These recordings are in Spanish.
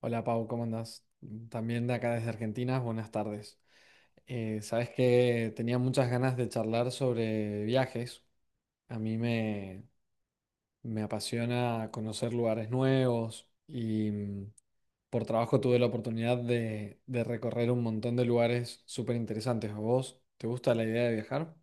Hola Pau, ¿cómo andás? También de acá desde Argentina, buenas tardes. Sabes que tenía muchas ganas de charlar sobre viajes. A mí me, me apasiona conocer lugares nuevos y por trabajo tuve la oportunidad de recorrer un montón de lugares súper interesantes. ¿A vos te gusta la idea de viajar?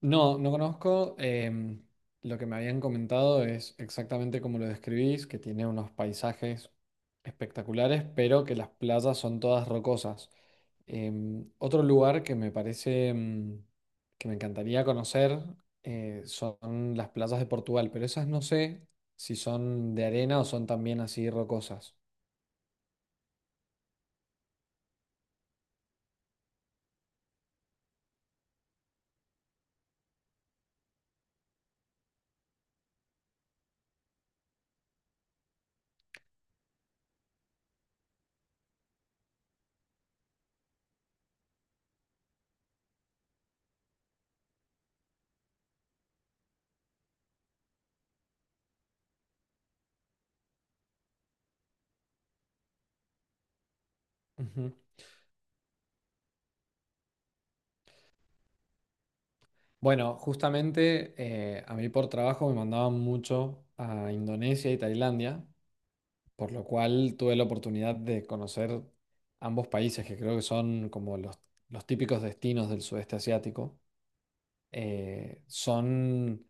No, no conozco. Lo que me habían comentado es exactamente como lo describís, que tiene unos paisajes espectaculares, pero que las playas son todas rocosas. Otro lugar que me encantaría conocer, son las playas de Portugal, pero esas no sé si son de arena o son también así rocosas. Ujú. Bueno, justamente a mí por trabajo me mandaban mucho a Indonesia y Tailandia. Por lo cual tuve la oportunidad de conocer ambos países, que creo que son como los típicos destinos del sudeste asiático. Eh, son,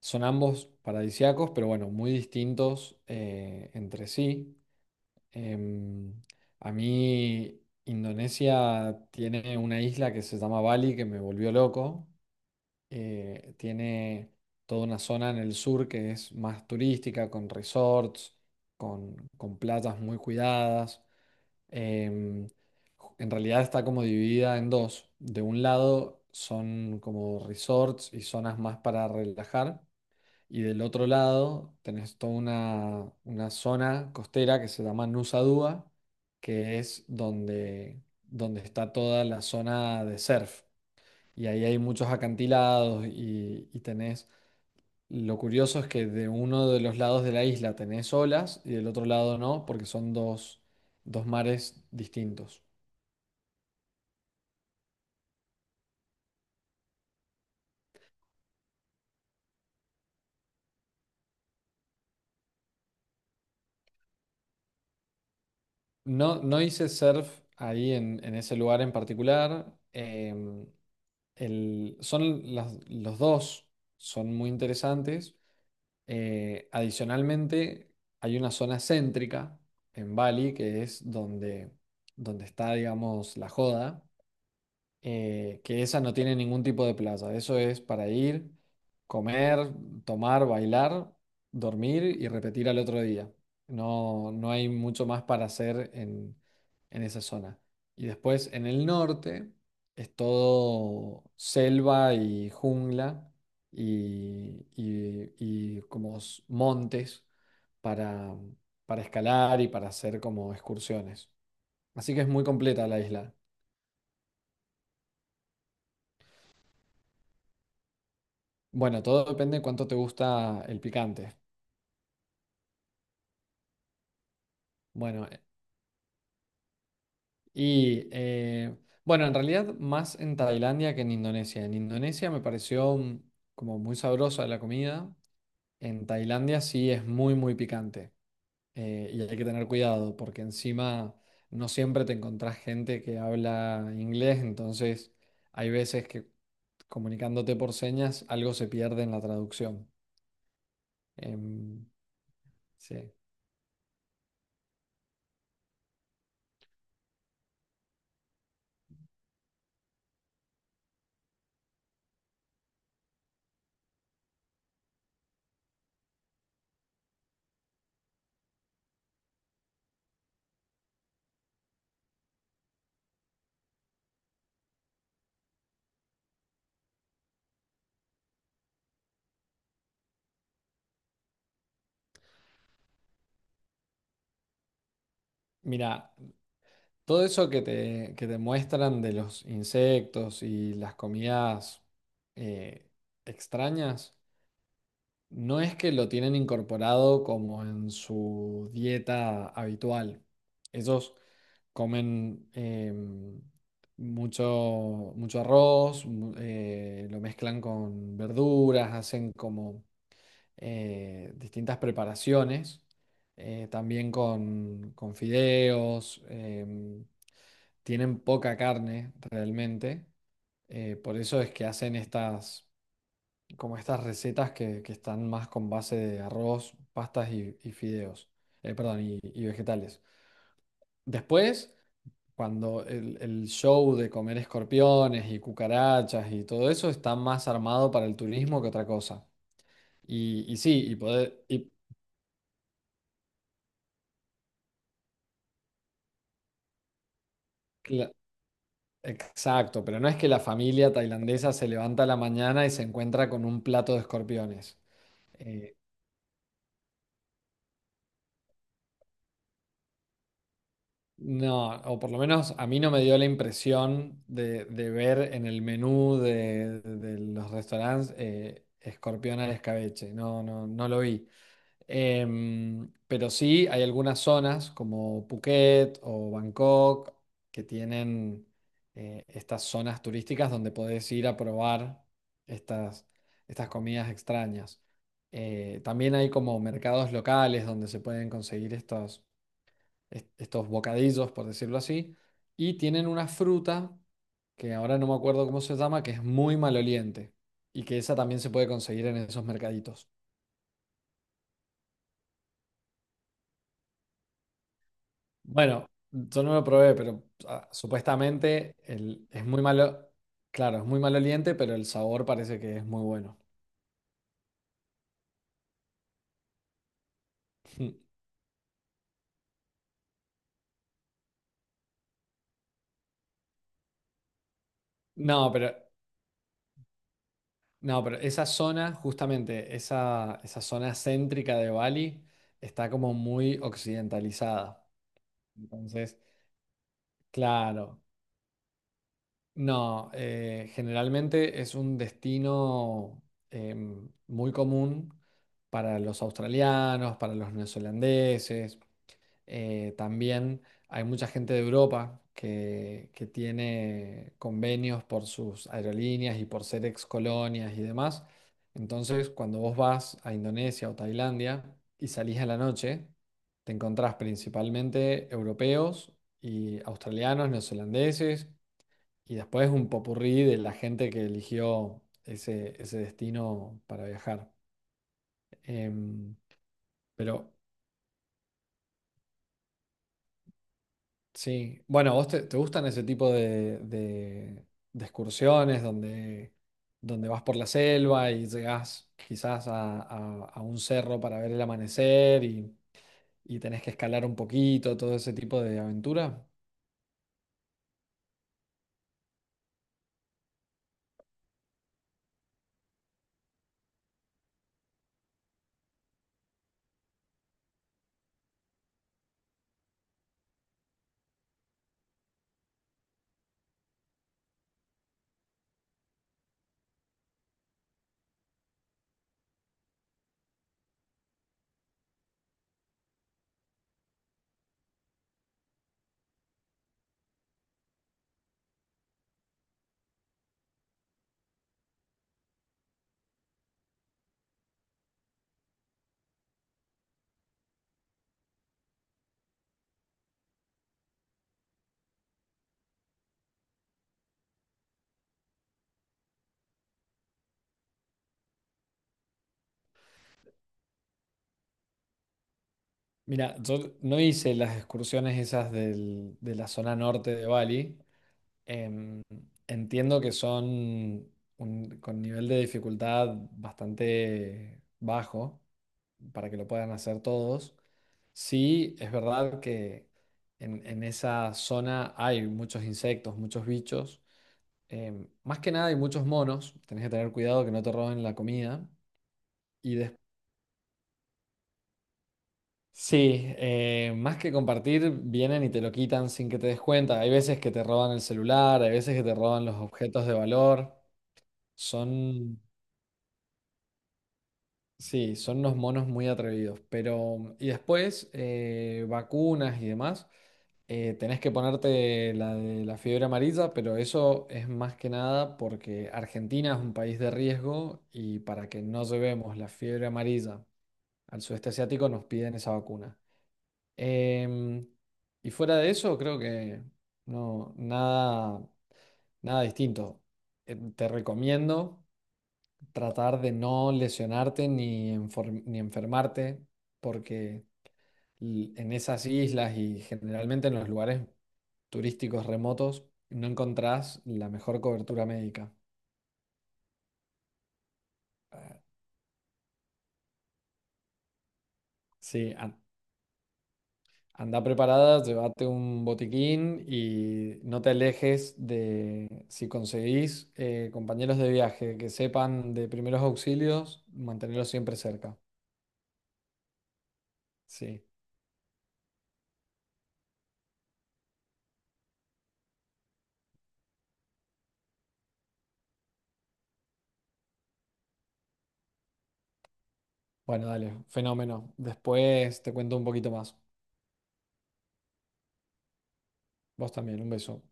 son ambos paradisíacos, pero bueno, muy distintos entre sí. Em, a mí Indonesia tiene una isla que se llama Bali, que me volvió loco. Tiene toda una zona en el sur que es más turística, con resorts, con playas muy cuidadas, em, en realidad está como dividida en dos. De un lado son como resorts y zonas más para relajar. Y del otro lado tenés toda una zona costera que se llama Nusa Dua, que es donde está toda la zona de surf. Y ahí hay muchos acantilados y tenés... Lo curioso es que de uno de los lados de la isla tenés olas y del otro lado no, porque son dos mares distintos. No, no hice surf ahí en ese lugar en particular. Los dos son muy interesantes. Adicionalmente, hay una zona céntrica en Bali que es donde está, digamos, la joda, que esa no tiene ningún tipo de plaza. Eso es para ir, comer, tomar, bailar, dormir y repetir al otro día. No, no hay mucho más para hacer en esa zona. Y después en el norte es todo selva y jungla y como montes para, para escalar y para hacer como excursiones. Así que es muy completa la isla. Bueno, todo depende de cuánto te gusta el picante. Bueno, eh, y eh, bueno, en realidad más en Tailandia que en Indonesia. En Indonesia me pareció como muy sabrosa la comida. En Tailandia sí es muy picante. Eh, y hay que tener cuidado porque encima no siempre te encontrás gente que habla inglés, entonces hay veces que comunicándote por señas algo se pierde en la traducción. Em, sí. Mira. Todo eso que te muestran de los insectos y las comidas eh, extrañas, no es que lo tienen incorporado como en su dieta habitual. Ellos comen, mucho, mucho arroz, lo mezclan con verduras, hacen como distintas preparaciones, también con fideos. Tienen poca carne realmente, por eso es que hacen estas, como estas recetas que están más con base de arroz, pastas y fideos, perdón, y vegetales. Después, cuando el show de comer escorpiones y cucarachas y todo eso está más armado para el turismo que otra cosa. Y, y sí, y poder... y cla- Exacto, pero no es que la familia tailandesa se levanta a la mañana y se encuentra con un plato de escorpiones. Eh, No, o por lo menos a mí no me dio la impresión de ver en el menú de los restaurantes, escorpión al escabeche. No, no, no lo vi. Pero sí hay algunas zonas como Phuket o Bangkok que tienen estas zonas turísticas donde podés ir a probar estas, estas comidas extrañas. También hay como mercados locales donde se pueden conseguir estos bocadillos, por decirlo así, y tienen una fruta que ahora no me acuerdo cómo se llama, que es muy maloliente y que esa también se puede conseguir en esos mercaditos. Bueno, yo no lo probé, pero supuestamente es muy malo, claro, es muy maloliente, pero el sabor parece que es muy bueno. No, pero, no, pero esa zona, justamente, esa zona céntrica de Bali está como muy occidentalizada. Entonces, claro, no, generalmente es un destino muy común para los australianos, para los neozelandeses. También hay mucha gente de Europa que tiene convenios por sus aerolíneas y por ser ex colonias y demás. Entonces, cuando vos vas a Indonesia o Tailandia y salís a la noche, te encontrás principalmente europeos y australianos, neozelandeses. Y después un popurrí de la gente que eligió ese destino para viajar. Em, pero sí, bueno, ¿vos te gustan ese tipo de excursiones donde vas por la selva y llegás quizás a un cerro para ver el amanecer y tenés que escalar un poquito, todo ese tipo de aventura? Mira, yo no hice las excursiones esas de la zona norte de Bali. Em, Entiendo que son con nivel de dificultad bastante bajo para que lo puedan hacer todos. Sí, es verdad que en esa zona hay muchos insectos, muchos bichos. Em, más que nada hay muchos monos. Tenés que tener cuidado que no te roben la comida. Y des- Sí, más que compartir, vienen y te lo quitan sin que te des cuenta. Hay veces que te roban el celular, hay veces que te roban los objetos de valor. Son, sí, son unos monos muy atrevidos, pero, y después, vacunas y demás, tenés que ponerte la de la fiebre amarilla, pero eso es más que nada porque Argentina es un país de riesgo y para que no llevemos la fiebre amarilla al sudeste asiático nos piden esa vacuna. Em, y fuera de eso, creo que no, nada distinto. Te recomiendo tratar de no lesionarte ni enfermarte, porque en esas islas y generalmente en los lugares turísticos remotos no encontrás la mejor cobertura médica. Sí, an- Anda preparada, llévate un botiquín y no te alejes de, si conseguís compañeros de viaje que sepan de primeros auxilios, mantenerlos siempre cerca. Sí. Bueno, dale, fenómeno. Después te cuento un poquito más. Vos también, un beso.